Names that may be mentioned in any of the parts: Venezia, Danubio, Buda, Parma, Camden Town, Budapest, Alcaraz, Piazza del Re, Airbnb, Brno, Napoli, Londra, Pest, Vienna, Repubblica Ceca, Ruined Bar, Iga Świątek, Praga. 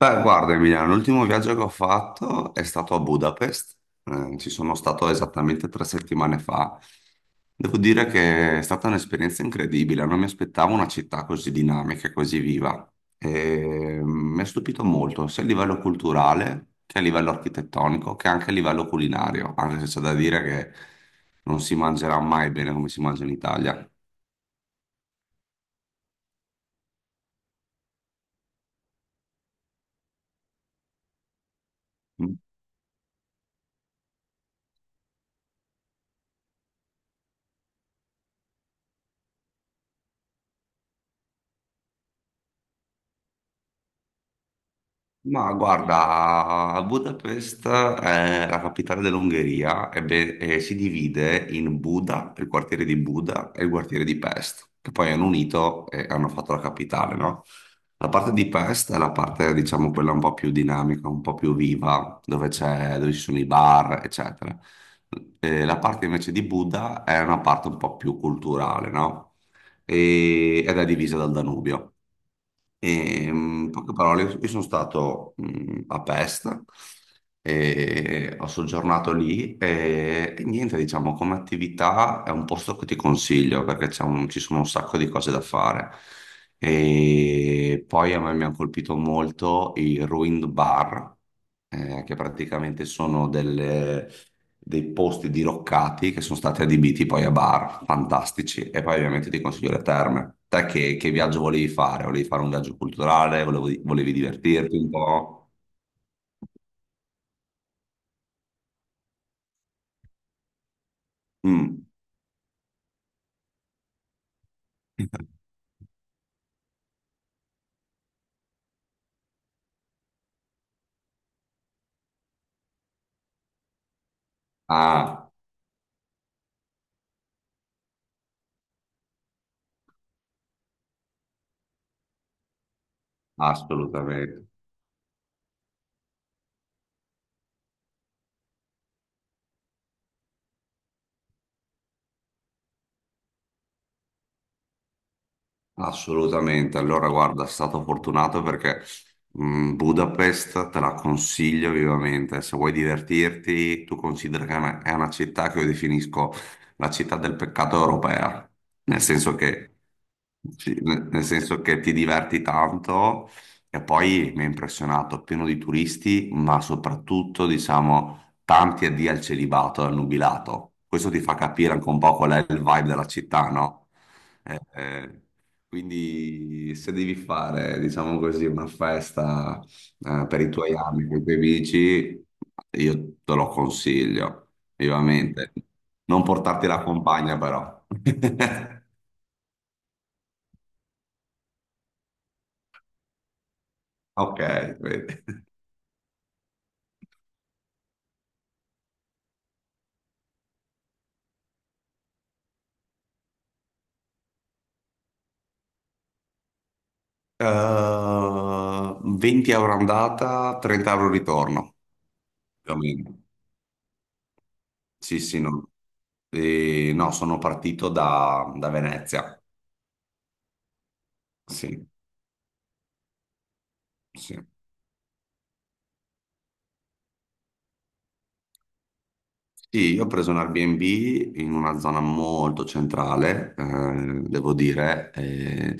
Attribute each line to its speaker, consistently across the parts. Speaker 1: Beh, guarda Emiliano, l'ultimo viaggio che ho fatto è stato a Budapest. Ci sono stato esattamente 3 settimane fa. Devo dire che è stata un'esperienza incredibile. Non mi aspettavo una città così dinamica e così viva. E mi ha stupito molto, sia a livello culturale che a livello architettonico, che anche a livello culinario, anche se c'è da dire che non si mangerà mai bene come si mangia in Italia. Mm. Ma guarda, Budapest è la capitale dell'Ungheria, e si divide in Buda, il quartiere di Buda e il quartiere di Pest, che poi hanno unito e hanno fatto la capitale, no? La parte di Pest è la parte, diciamo, quella un po' più dinamica, un po' più viva, dove c'è, dove ci sono i bar, eccetera. La parte invece di Buda è una parte un po' più culturale, no? Ed è divisa dal Danubio. E, in poche parole, io sono stato a Pest, e ho soggiornato lì, e niente, diciamo, come attività è un posto che ti consiglio perché c'è ci sono un sacco di cose da fare. E poi a me mi hanno colpito molto i Ruined Bar, che praticamente sono delle dei posti diroccati che sono stati adibiti poi a bar, fantastici. E poi ovviamente ti consiglio le terme. Te che viaggio volevi fare? Volevi fare un viaggio culturale? Volevi divertirti un po'? Mm. Ah, assolutamente. Assolutamente, allora guarda, è stato fortunato perché Budapest te la consiglio vivamente. Se vuoi divertirti, tu considera che è una città che io definisco la città del peccato europea, nel senso che, sì, nel senso che ti diverti tanto, e poi mi ha impressionato, pieno di turisti, ma soprattutto diciamo tanti addio al celibato e al nubilato. Questo ti fa capire anche un po' qual è il vibe della città, no? Eh, eh, quindi se devi fare, diciamo così, una festa per i tuoi anni con i tuoi amici, io te lo consiglio vivamente. Non portarti la compagna però. Ok, vedi. 20 euro andata, 30 euro ritorno, più o meno. Sì, sì, no. No, sono partito da Venezia. Sì, sì. Sì, io ho preso un Airbnb in una zona molto centrale, devo dire, e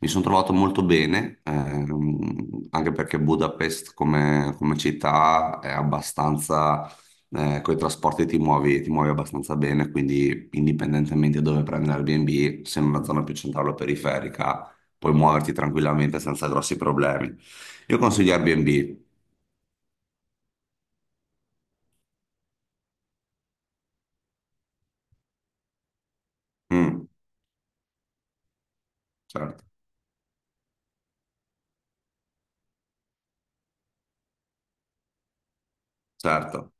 Speaker 1: mi sono trovato molto bene, anche perché Budapest come città è abbastanza, con i trasporti ti muovi abbastanza bene, quindi indipendentemente da dove prendi l'Airbnb, se in una zona più centrale o periferica, puoi muoverti tranquillamente senza grossi problemi. Io consiglio Airbnb. Mm. Certo, certo.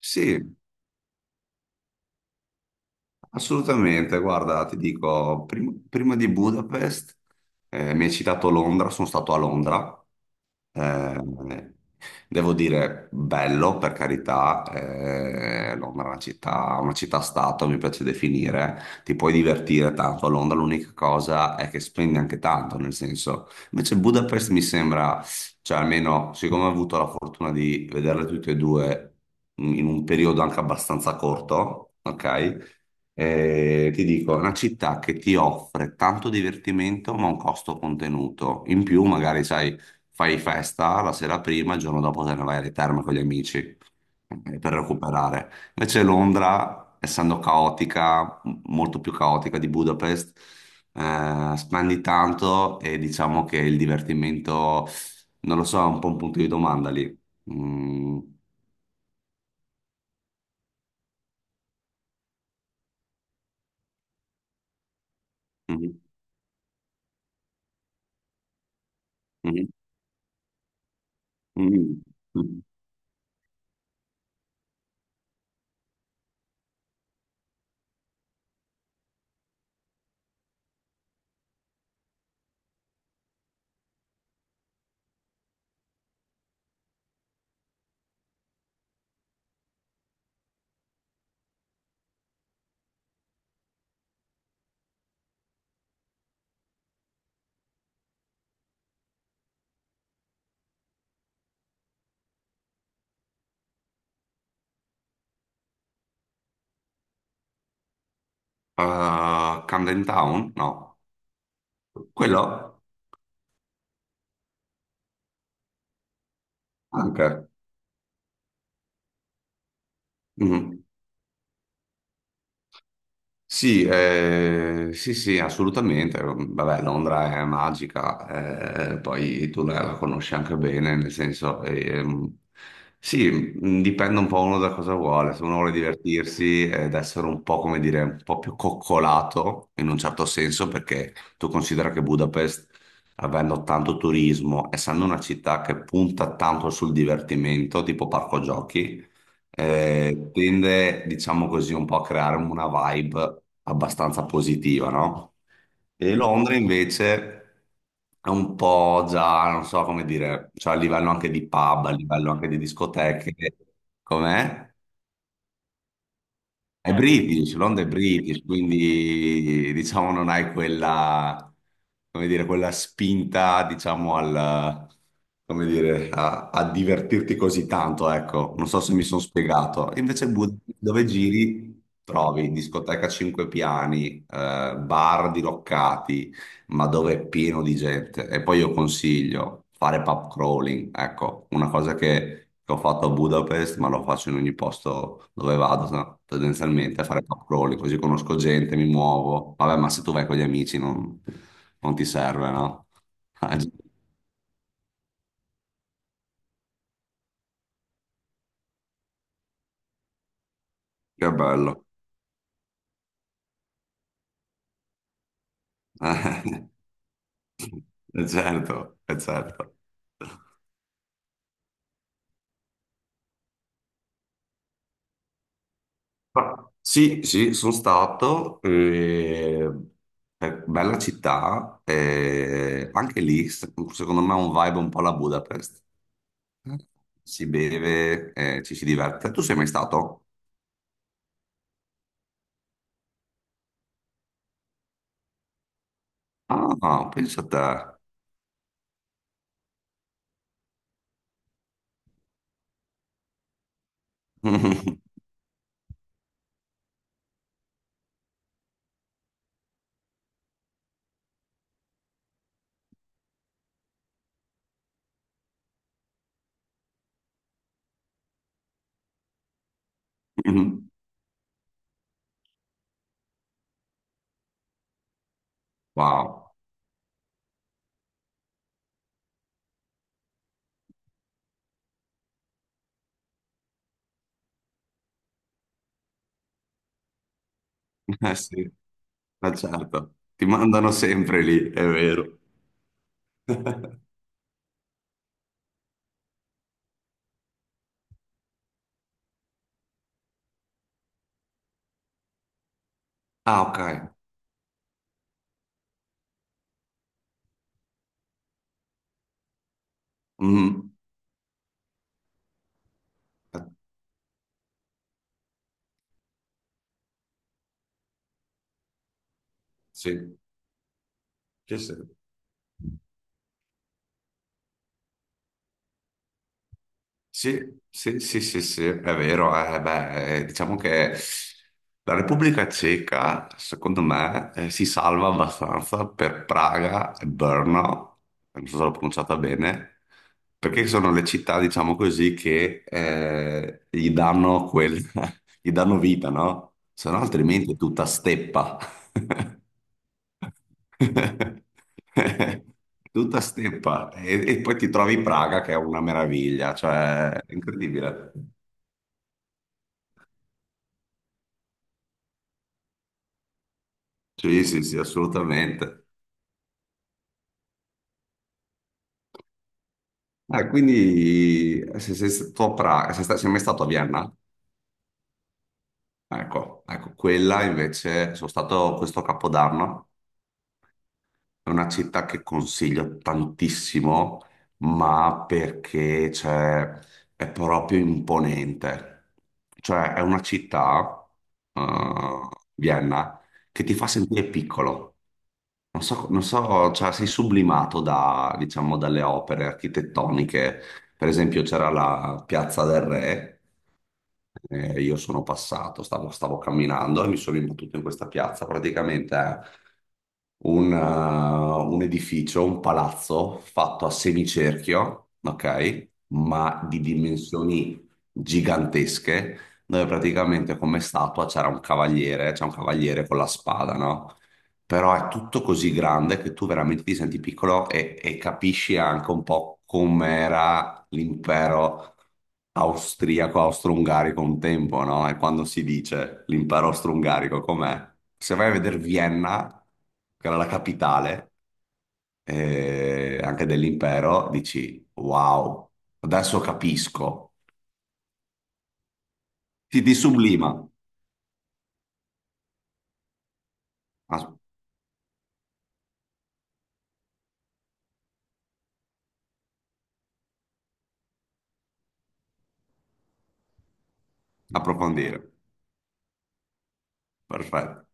Speaker 1: Sì. Assolutamente, guarda, ti dico, prima di Budapest, mi hai citato Londra. Sono stato a Londra. eh, Devo dire, bello per carità. Londra è una città, una città-stato, mi piace definire. Ti puoi divertire tanto a Londra, l'unica cosa è che spendi anche tanto. Nel senso, invece Budapest mi sembra, cioè almeno siccome ho avuto la fortuna di vederle tutte e due in un periodo anche abbastanza corto, ok? Ti dico, è una città che ti offre tanto divertimento ma a un costo contenuto. In più, magari, sai, fai festa la sera prima, il giorno dopo te ne vai alle terme con gli amici per recuperare. Invece Londra, essendo caotica, molto più caotica di Budapest, spendi tanto, e diciamo che il divertimento, non lo so, è un po' un punto di domanda lì. Mm. Mhm. Mhm. Mhm. Camden Town? No. Quello? Anche. Mhm. Sì, sì, sì, assolutamente. Vabbè, Londra è magica, poi tu la conosci anche bene, nel senso, sì, dipende un po' uno da cosa vuole. Se uno vuole divertirsi ed essere un po', come dire, un po' più coccolato, in un certo senso, perché tu considera che Budapest, avendo tanto turismo, essendo una città che punta tanto sul divertimento, tipo parco giochi, tende, diciamo così, un po' a creare una vibe abbastanza positiva, no? E Londra invece è un po' già, non so come dire, cioè a livello anche di pub, a livello anche di discoteche, com'è? È British, Londra è British, quindi diciamo non hai quella, come dire, quella spinta, diciamo, al, come dire, a divertirti così tanto, ecco. Non so se mi sono spiegato. Invece dove giri trovi discoteca a cinque piani, bar diroccati, ma dove è pieno di gente. E poi io consiglio fare pub crawling, ecco, una cosa che ho fatto a Budapest, ma lo faccio in ogni posto dove vado, no? Tendenzialmente a fare pub crawling, così conosco gente, mi muovo. Vabbè, ma se tu vai con gli amici non ti serve, no? Ah, che bello. Certo, certo. Ah, sì, sì, sono stato, è bella città, anche lì secondo me è un vibe un po' alla Budapest. Si beve, ci si diverte. Tu sei mai stato? Ah, pensa a te. Wow, eh sì, ma certo, ti mandano sempre lì, è vero. Ah, ok. Mm. Eh, sì, sì, sì. Sì, sì, sì, sì, sì, è vero. Eh, beh, diciamo che la Repubblica Ceca, secondo me, si salva abbastanza per Praga e Brno, non so se l'ho pronunciata bene, perché sono le città, diciamo così, che gli danno quel, gli danno vita, no? Se no, altrimenti è tutta steppa. Tutta steppa, e poi ti trovi Praga che è una meraviglia, cioè è incredibile. Sì, sì, sì, assolutamente. Ah, quindi se sei stato a Praga, sei mai stato a Vienna? Ecco, ecco, quella invece sono stato questo capodanno. È una città che consiglio tantissimo, ma perché cioè, è proprio imponente. Cioè, è una città, eh, Vienna, che ti fa sentire piccolo. Non so, non so, cioè sei sublimato da, diciamo, dalle opere architettoniche. Per esempio c'era la Piazza del Re, io sono passato, stavo camminando e mi sono imbattuto in questa piazza. Praticamente è un, eh, un edificio, un palazzo fatto a semicerchio, ok? Ma di dimensioni gigantesche, dove praticamente come statua c'era un cavaliere, c'è un cavaliere con la spada, no? Però è tutto così grande che tu veramente ti senti piccolo, e capisci anche un po' com'era l'impero austriaco, austro-ungarico un tempo, no? E quando si dice l'impero austro-ungarico com'è? Se vai a vedere Vienna, che era la capitale anche dell'impero, dici wow, adesso capisco. Ti sublima a approfondire. Perfetto.